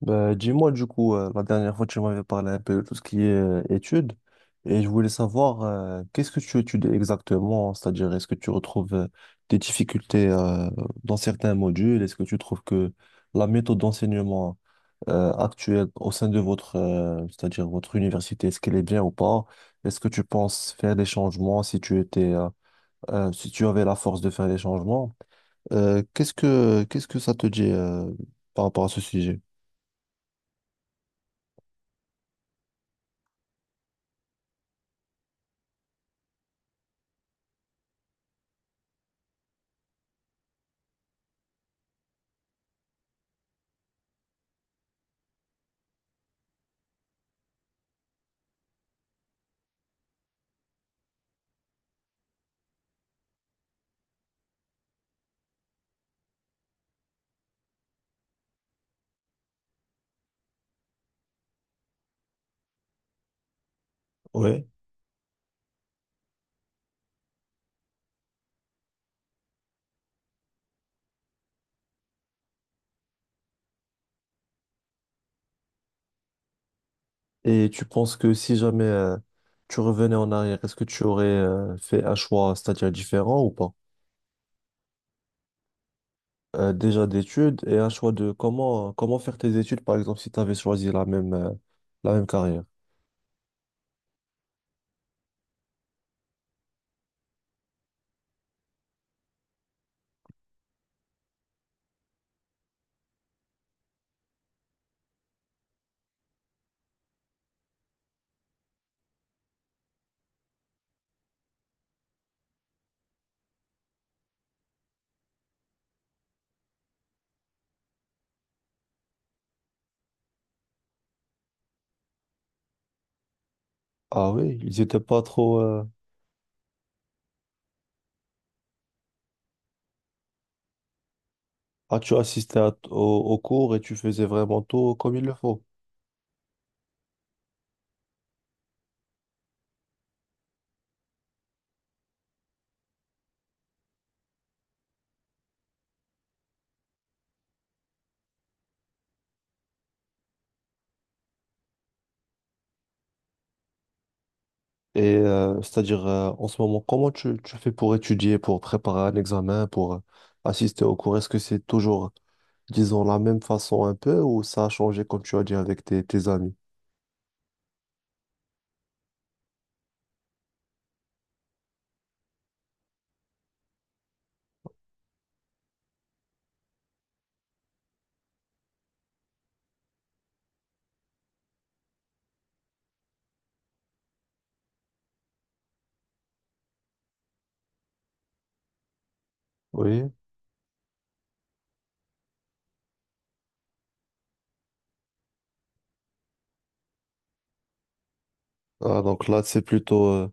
Bah, dis-moi du coup, la dernière fois tu m'avais parlé un peu de tout ce qui est études et je voulais savoir qu'est-ce que tu étudies exactement, c'est-à-dire est-ce que tu retrouves des difficultés dans certains modules, est-ce que tu trouves que la méthode d'enseignement actuelle au sein de votre, c'est-à-dire votre université, est-ce qu'elle est bien ou pas? Est-ce que tu penses faire des changements si tu étais, si tu avais la force de faire des changements? Qu'est-ce que ça te dit par rapport à ce sujet? Ouais. Et tu penses que si jamais tu revenais en arrière, est-ce que tu aurais fait un choix, c'est-à-dire différent ou pas? Déjà d'études et un choix de comment, comment faire tes études, par exemple, si tu avais choisi la même carrière. Ah oui, ils étaient pas trop... Ah, tu assistais au, au cours et tu faisais vraiment tout comme il le faut. Et c'est-à-dire, en ce moment, comment tu, tu fais pour étudier, pour préparer un examen, pour assister au cours? Est-ce que c'est toujours, disons, la même façon un peu ou ça a changé, comme tu as dit, avec tes, tes amis? Oui. Ah, donc là, c'est plutôt...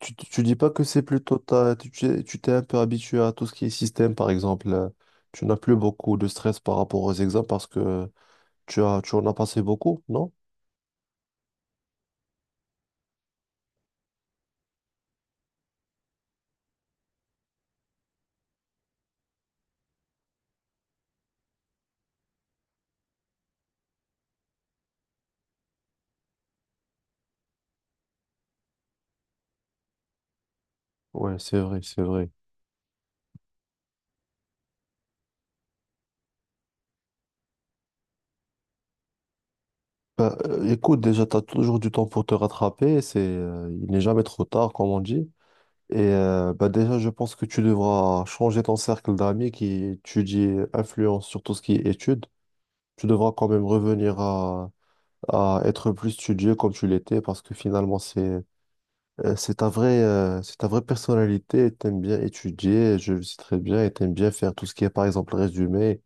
tu, tu dis pas que c'est plutôt... tu t'es un peu habitué à tout ce qui est système, par exemple. Tu n'as plus beaucoup de stress par rapport aux examens parce que tu as, tu en as passé beaucoup, non? Ouais, c'est vrai, c'est vrai. Bah, écoute, déjà, tu as toujours du temps pour te rattraper. C'est, il n'est jamais trop tard, comme on dit. Et bah, déjà, je pense que tu devras changer ton cercle d'amis qui étudie influence sur tout ce qui est études. Tu devras quand même revenir à être plus studieux comme tu l'étais parce que finalement, c'est ta vraie personnalité. Tu aimes bien étudier, je le sais très bien, et tu aimes bien faire tout ce qui est, par exemple, résumé.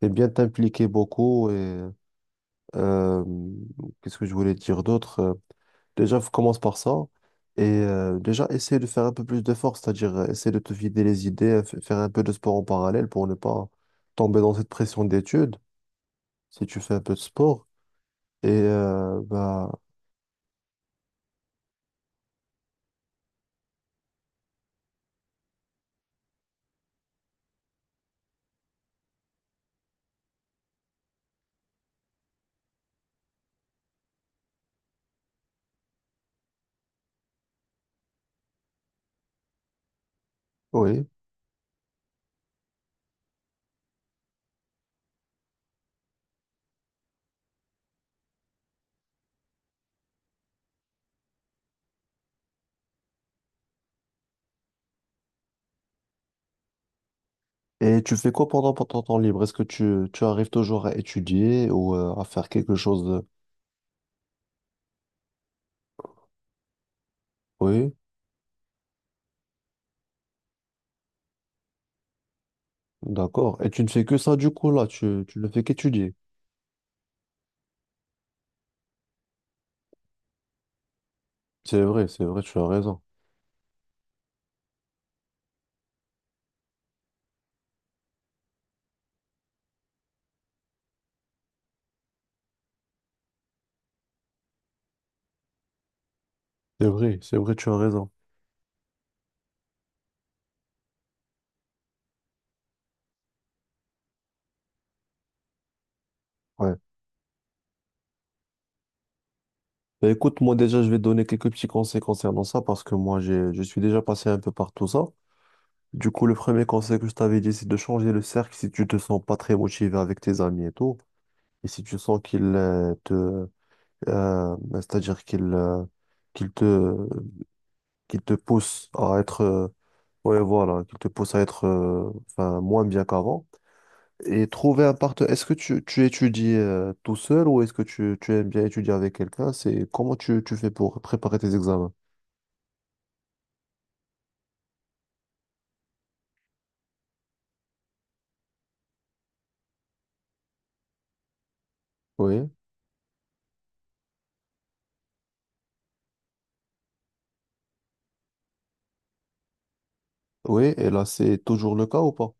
Tu aimes bien t'impliquer beaucoup et. euh, Qu'est-ce que je voulais dire d'autre? Déjà, commence par ça. Et déjà, essaie de faire un peu plus d'efforts, c'est-à-dire essaie de te vider les idées, faire un peu de sport en parallèle pour ne pas tomber dans cette pression d'études, si tu fais un peu de sport. Et bah oui. Et tu fais quoi pendant pendant ton temps libre? Est-ce que tu arrives toujours à étudier ou à faire quelque chose de... Oui, d'accord. Et tu ne fais que ça du coup là, tu ne fais qu'étudier. C'est vrai, tu as raison. C'est vrai, tu as raison. Ouais. Bah, écoute, moi déjà, je vais te donner quelques petits conseils concernant ça parce que moi, j'ai, je suis déjà passé un peu par tout ça. Du coup, le premier conseil que je t'avais dit, c'est de changer le cercle si tu te sens pas très motivé avec tes amis et tout. Et si tu sens qu'ils te, c'est-à-dire qu'ils qu'ils te, qu'ils te poussent à être, ouais, voilà, qu'ils te poussent à être enfin, moins bien qu'avant. Et trouver un partenaire. Est-ce que tu étudies tout seul ou est-ce que tu aimes bien étudier avec quelqu'un? C'est comment tu, tu fais pour préparer tes examens? Oui. Oui, et là, c'est toujours le cas ou pas?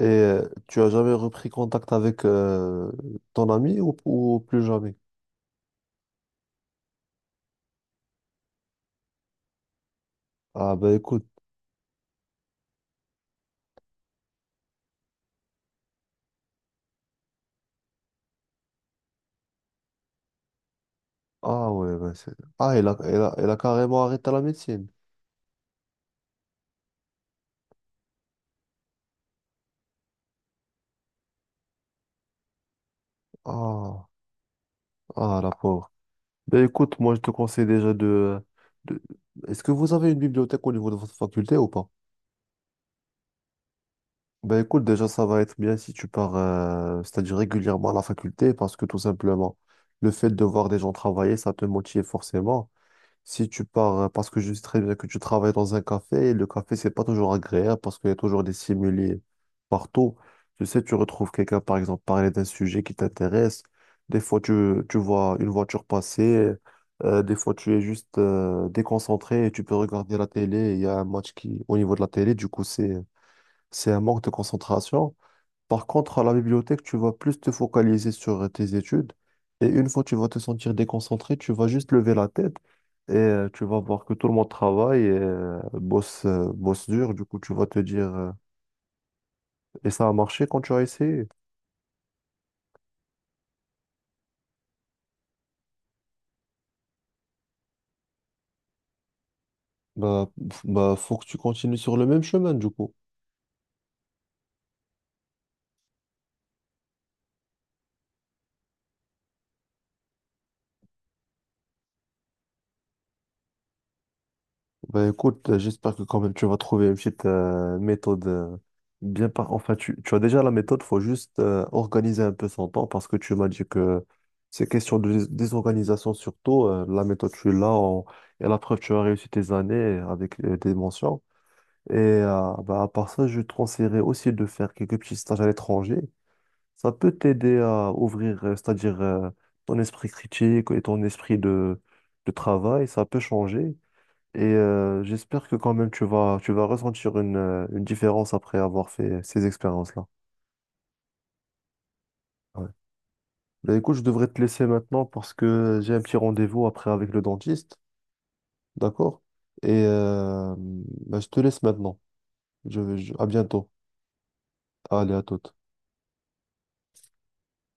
Et tu as jamais repris contact avec ton ami ou plus jamais? Ah, ben écoute. Ah, ouais, ben c'est... Ah, elle a, elle a carrément arrêté la médecine. Ah, ah, la pauvre. Ben écoute, moi, je te conseille déjà de... Est-ce que vous avez une bibliothèque au niveau de votre faculté ou pas? Ben écoute, déjà, ça va être bien si tu pars, c'est-à-dire régulièrement à la faculté, parce que tout simplement, le fait de voir des gens travailler, ça te motive forcément. Si tu pars, parce que je sais très bien que tu travailles dans un café, et le café, c'est pas toujours agréable parce qu'il y a toujours des stimuli partout. Tu sais, tu retrouves quelqu'un, par exemple, parler d'un sujet qui t'intéresse. Des fois, tu vois une voiture passer. Des fois, tu es juste déconcentré et tu peux regarder la télé. Il y a un match qui, au niveau de la télé, du coup, c'est un manque de concentration. Par contre, à la bibliothèque, tu vas plus te focaliser sur tes études. Et une fois que tu vas te sentir déconcentré, tu vas juste lever la tête et tu vas voir que tout le monde travaille et bosse dur. Du coup, tu vas te dire, et ça a marché quand tu as essayé. Bah, bah, faut que tu continues sur le même chemin, du coup. Bah écoute, j'espère que quand même tu vas trouver une petite méthode bien par... Enfin, tu as déjà la méthode, faut juste organiser un peu son temps parce que tu m'as dit que c'est question de désorganisation surtout. La méthode, et la preuve, tu as réussi tes années avec des mentions. Et bah, à part ça, je te conseillerais aussi de faire quelques petits stages à l'étranger. Ça peut t'aider à ouvrir, c'est-à-dire ton esprit critique et ton esprit de travail. Ça peut changer. Et j'espère que quand même tu vas ressentir une différence après avoir fait ces expériences-là. Ouais. Bah, écoute, je devrais te laisser maintenant parce que j'ai un petit rendez-vous après avec le dentiste. D'accord? Et bah, je te laisse maintenant. Je, à bientôt. Allez, à toute.